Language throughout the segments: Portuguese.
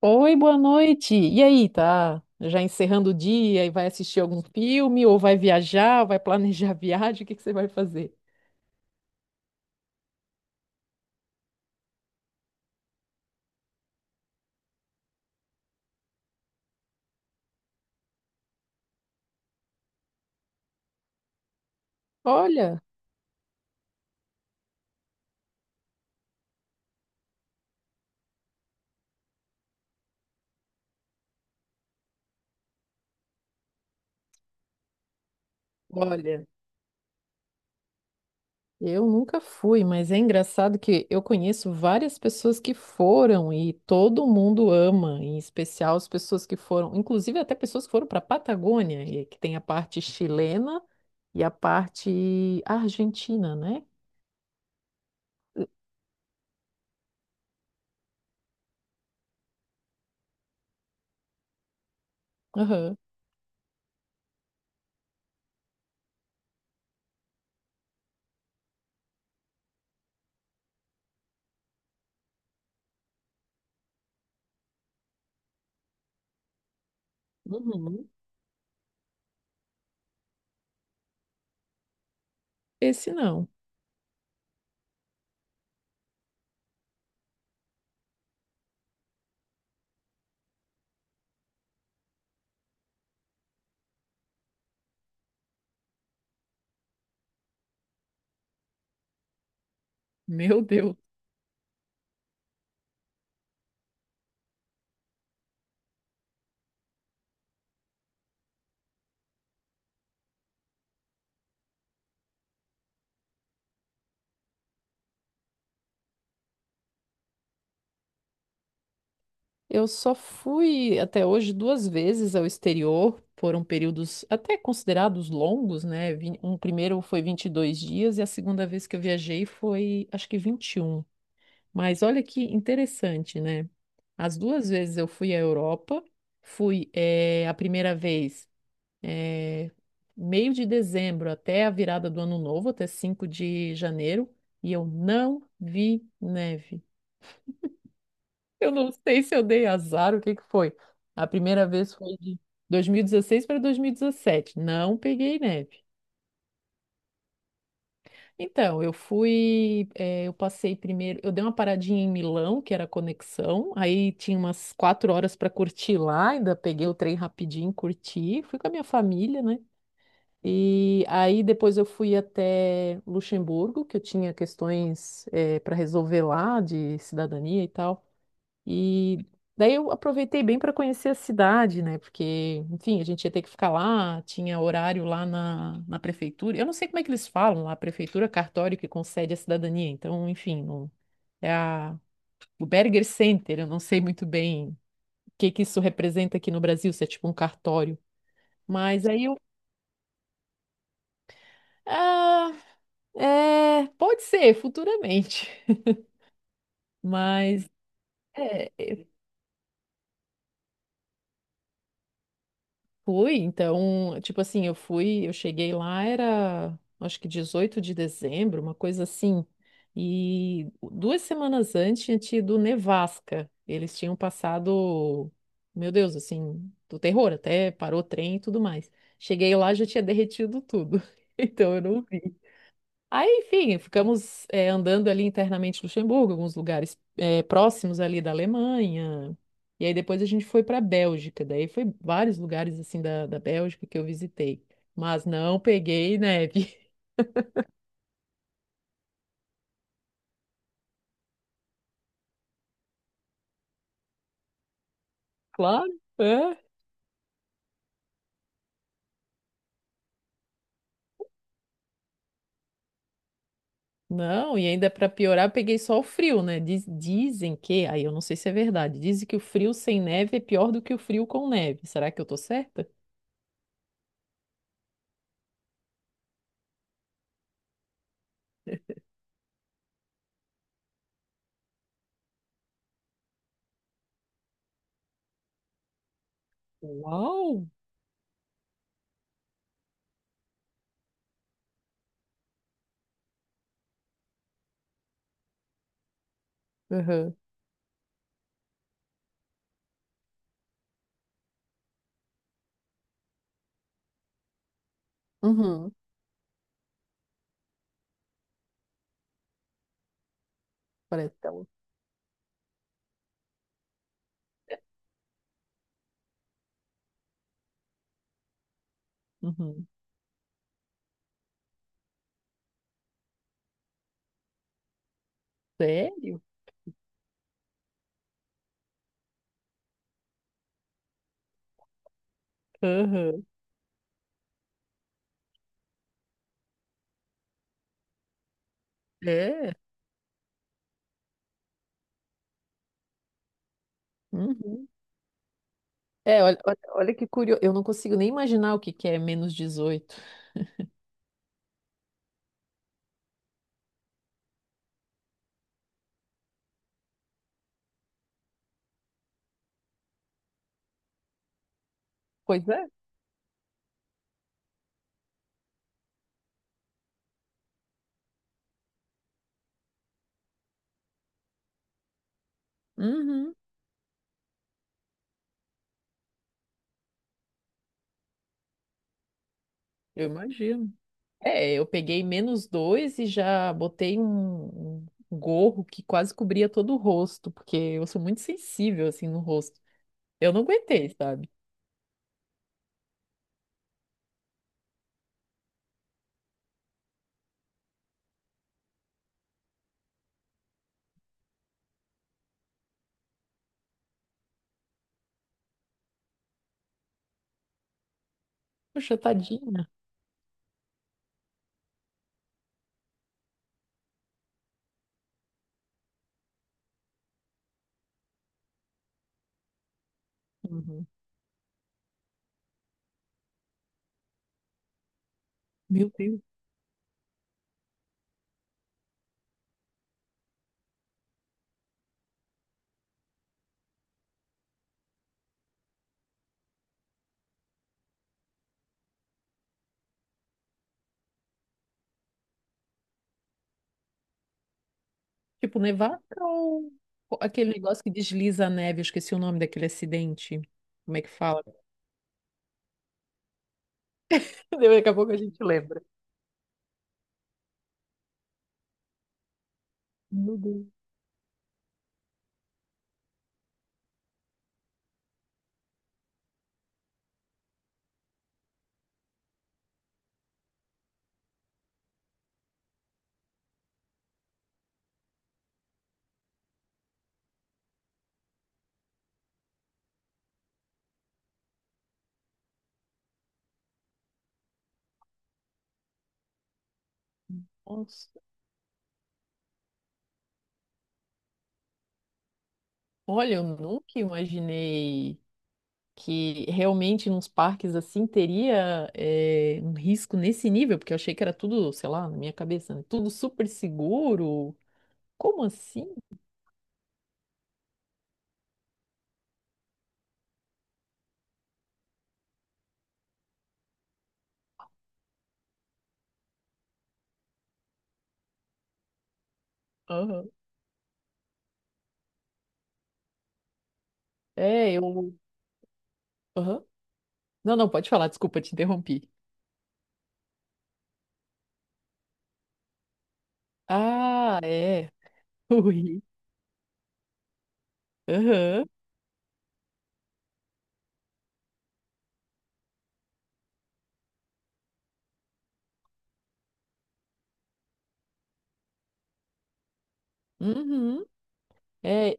Oi, boa noite. E aí, tá? Já encerrando o dia e vai assistir algum filme ou vai viajar, vai planejar a viagem, o que que você vai fazer? Olha, olha, eu nunca fui, mas é engraçado que eu conheço várias pessoas que foram e todo mundo ama, em especial as pessoas que foram, inclusive até pessoas que foram para a Patagônia, e que tem a parte chilena e a parte argentina, né? Aham. Uhum. Esse não. Meu Deus. Eu só fui até hoje duas vezes ao exterior, foram períodos até considerados longos, né? Um primeiro foi 22 dias e a segunda vez que eu viajei foi, acho que 21. Mas olha que interessante, né? As duas vezes eu fui à Europa, fui a primeira vez eh, meio de dezembro até a virada do ano novo, até 5 de janeiro, e eu não vi neve. Eu não sei se eu dei azar, o que que foi? A primeira vez foi de 2016 para 2017. Não peguei neve. Então, eu fui, eu passei primeiro, eu dei uma paradinha em Milão, que era a conexão, aí tinha umas quatro horas para curtir lá, ainda peguei o trem rapidinho, curti, fui com a minha família, né? E aí depois eu fui até Luxemburgo, que eu tinha questões, para resolver lá de cidadania e tal. E daí eu aproveitei bem para conhecer a cidade, né? Porque, enfim, a gente ia ter que ficar lá, tinha horário lá na prefeitura. Eu não sei como é que eles falam lá, prefeitura, cartório que concede a cidadania. Então, enfim, é o Berger Center, eu não sei muito bem o que que isso representa aqui no Brasil, se é tipo um cartório. Mas aí eu. Ah, é, pode ser, futuramente. Mas. É, fui, então, tipo assim, eu fui, eu cheguei lá, era acho que 18 de dezembro, uma coisa assim. E duas semanas antes tinha tido nevasca. Eles tinham passado, meu Deus, assim, do terror, até parou o trem e tudo mais. Cheguei lá, já tinha derretido tudo. Então eu não vi. Aí, enfim, ficamos andando ali internamente em Luxemburgo, alguns lugares próximos ali da Alemanha. E aí depois a gente foi para a Bélgica. Daí foi vários lugares assim da Bélgica que eu visitei. Mas não peguei neve. Claro. É. Não, e ainda para piorar, eu peguei só o frio, né? Dizem que, aí eu não sei se é verdade, dizem que o frio sem neve é pior do que o frio com neve. Será que eu tô certa? Uau! Uhum. Uhum. Parece. Então, Uhum. Sério? Aham. É. Uhum. É, olha que curioso. Eu não consigo nem imaginar o que que é -18. Pois é. Uhum. Eu imagino. É, eu peguei -2 e já botei um, um gorro que quase cobria todo o rosto, porque eu sou muito sensível assim no rosto. Eu não aguentei, sabe? Poxa, tadinha. Uhum. Meu Deus. Tipo, nevasca ou aquele negócio que desliza a neve? Eu esqueci o nome daquele acidente. Como é que fala? Daqui a pouco a gente lembra. Meu Deus. Nossa. Olha, eu nunca imaginei que realmente nos parques assim teria um risco nesse nível, porque eu achei que era tudo, sei lá, na minha cabeça, né? Tudo super seguro. Como assim? Aham. É, eu. Aham. Não, não, pode falar, desculpa, te interrompi. Ah, é. Ui. Aham. Uhum. É,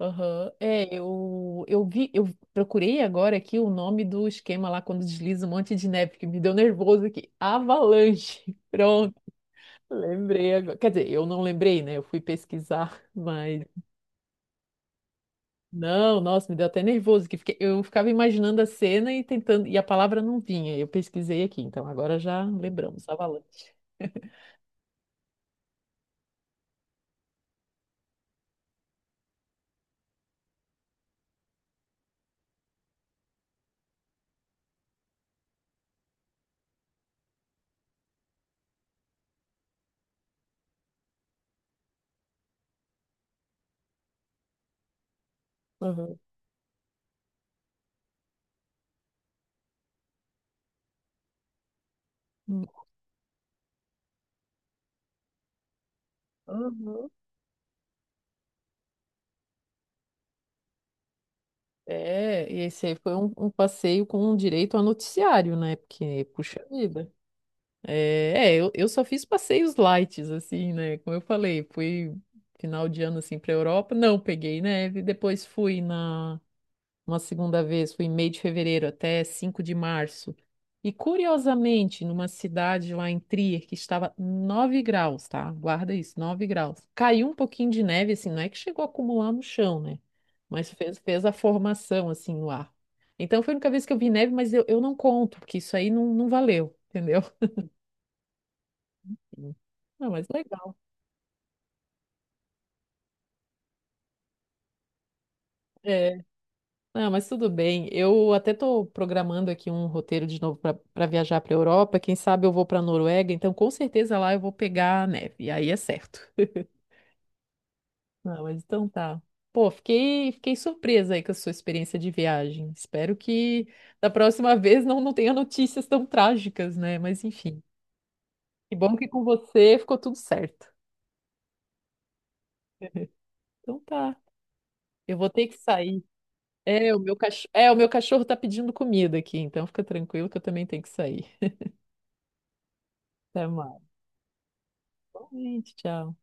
Aham. É, eu vi, eu procurei agora aqui o nome do esquema lá quando desliza um monte de neve, que me deu nervoso aqui. Avalanche. Pronto, lembrei agora. Quer dizer, eu não lembrei, né? Eu fui pesquisar, mas não, nossa, me deu até nervoso que eu ficava imaginando a cena e tentando, e a palavra não vinha. Eu pesquisei aqui, então agora já lembramos, avalanche. Aham. Uhum. É, e esse aí foi um passeio com direito a noticiário, né? Porque, puxa vida. É, é, eu só fiz passeios light, assim, né? Como eu falei, fui final de ano, assim, pra Europa. Não peguei neve. Depois fui na uma segunda vez, fui em meio de fevereiro até 5 de março. E curiosamente, numa cidade lá em Trier, que estava 9 graus, tá? Guarda isso, 9 graus. Caiu um pouquinho de neve, assim, não é que chegou a acumular no chão, né? Mas fez, fez a formação, assim, no ar. Então foi a única vez que eu vi neve, mas eu não conto, porque isso aí não, não valeu, entendeu? Sim. Ah, mas legal. É. Ah, mas tudo bem. Eu até estou programando aqui um roteiro de novo para viajar para a Europa. Quem sabe eu vou para a Noruega, então com certeza lá eu vou pegar a neve. E aí é certo. Ah, mas então tá. Pô, fiquei surpresa aí com a sua experiência de viagem. Espero que da próxima vez não, não tenha notícias tão trágicas, né? Mas enfim. Que bom que com você ficou tudo certo. Então tá. Eu vou ter que sair. É, o meu cachorro, é, o meu cachorro tá pedindo comida aqui, então fica tranquilo que eu também tenho que sair. Até mais. Boa noite, tchau.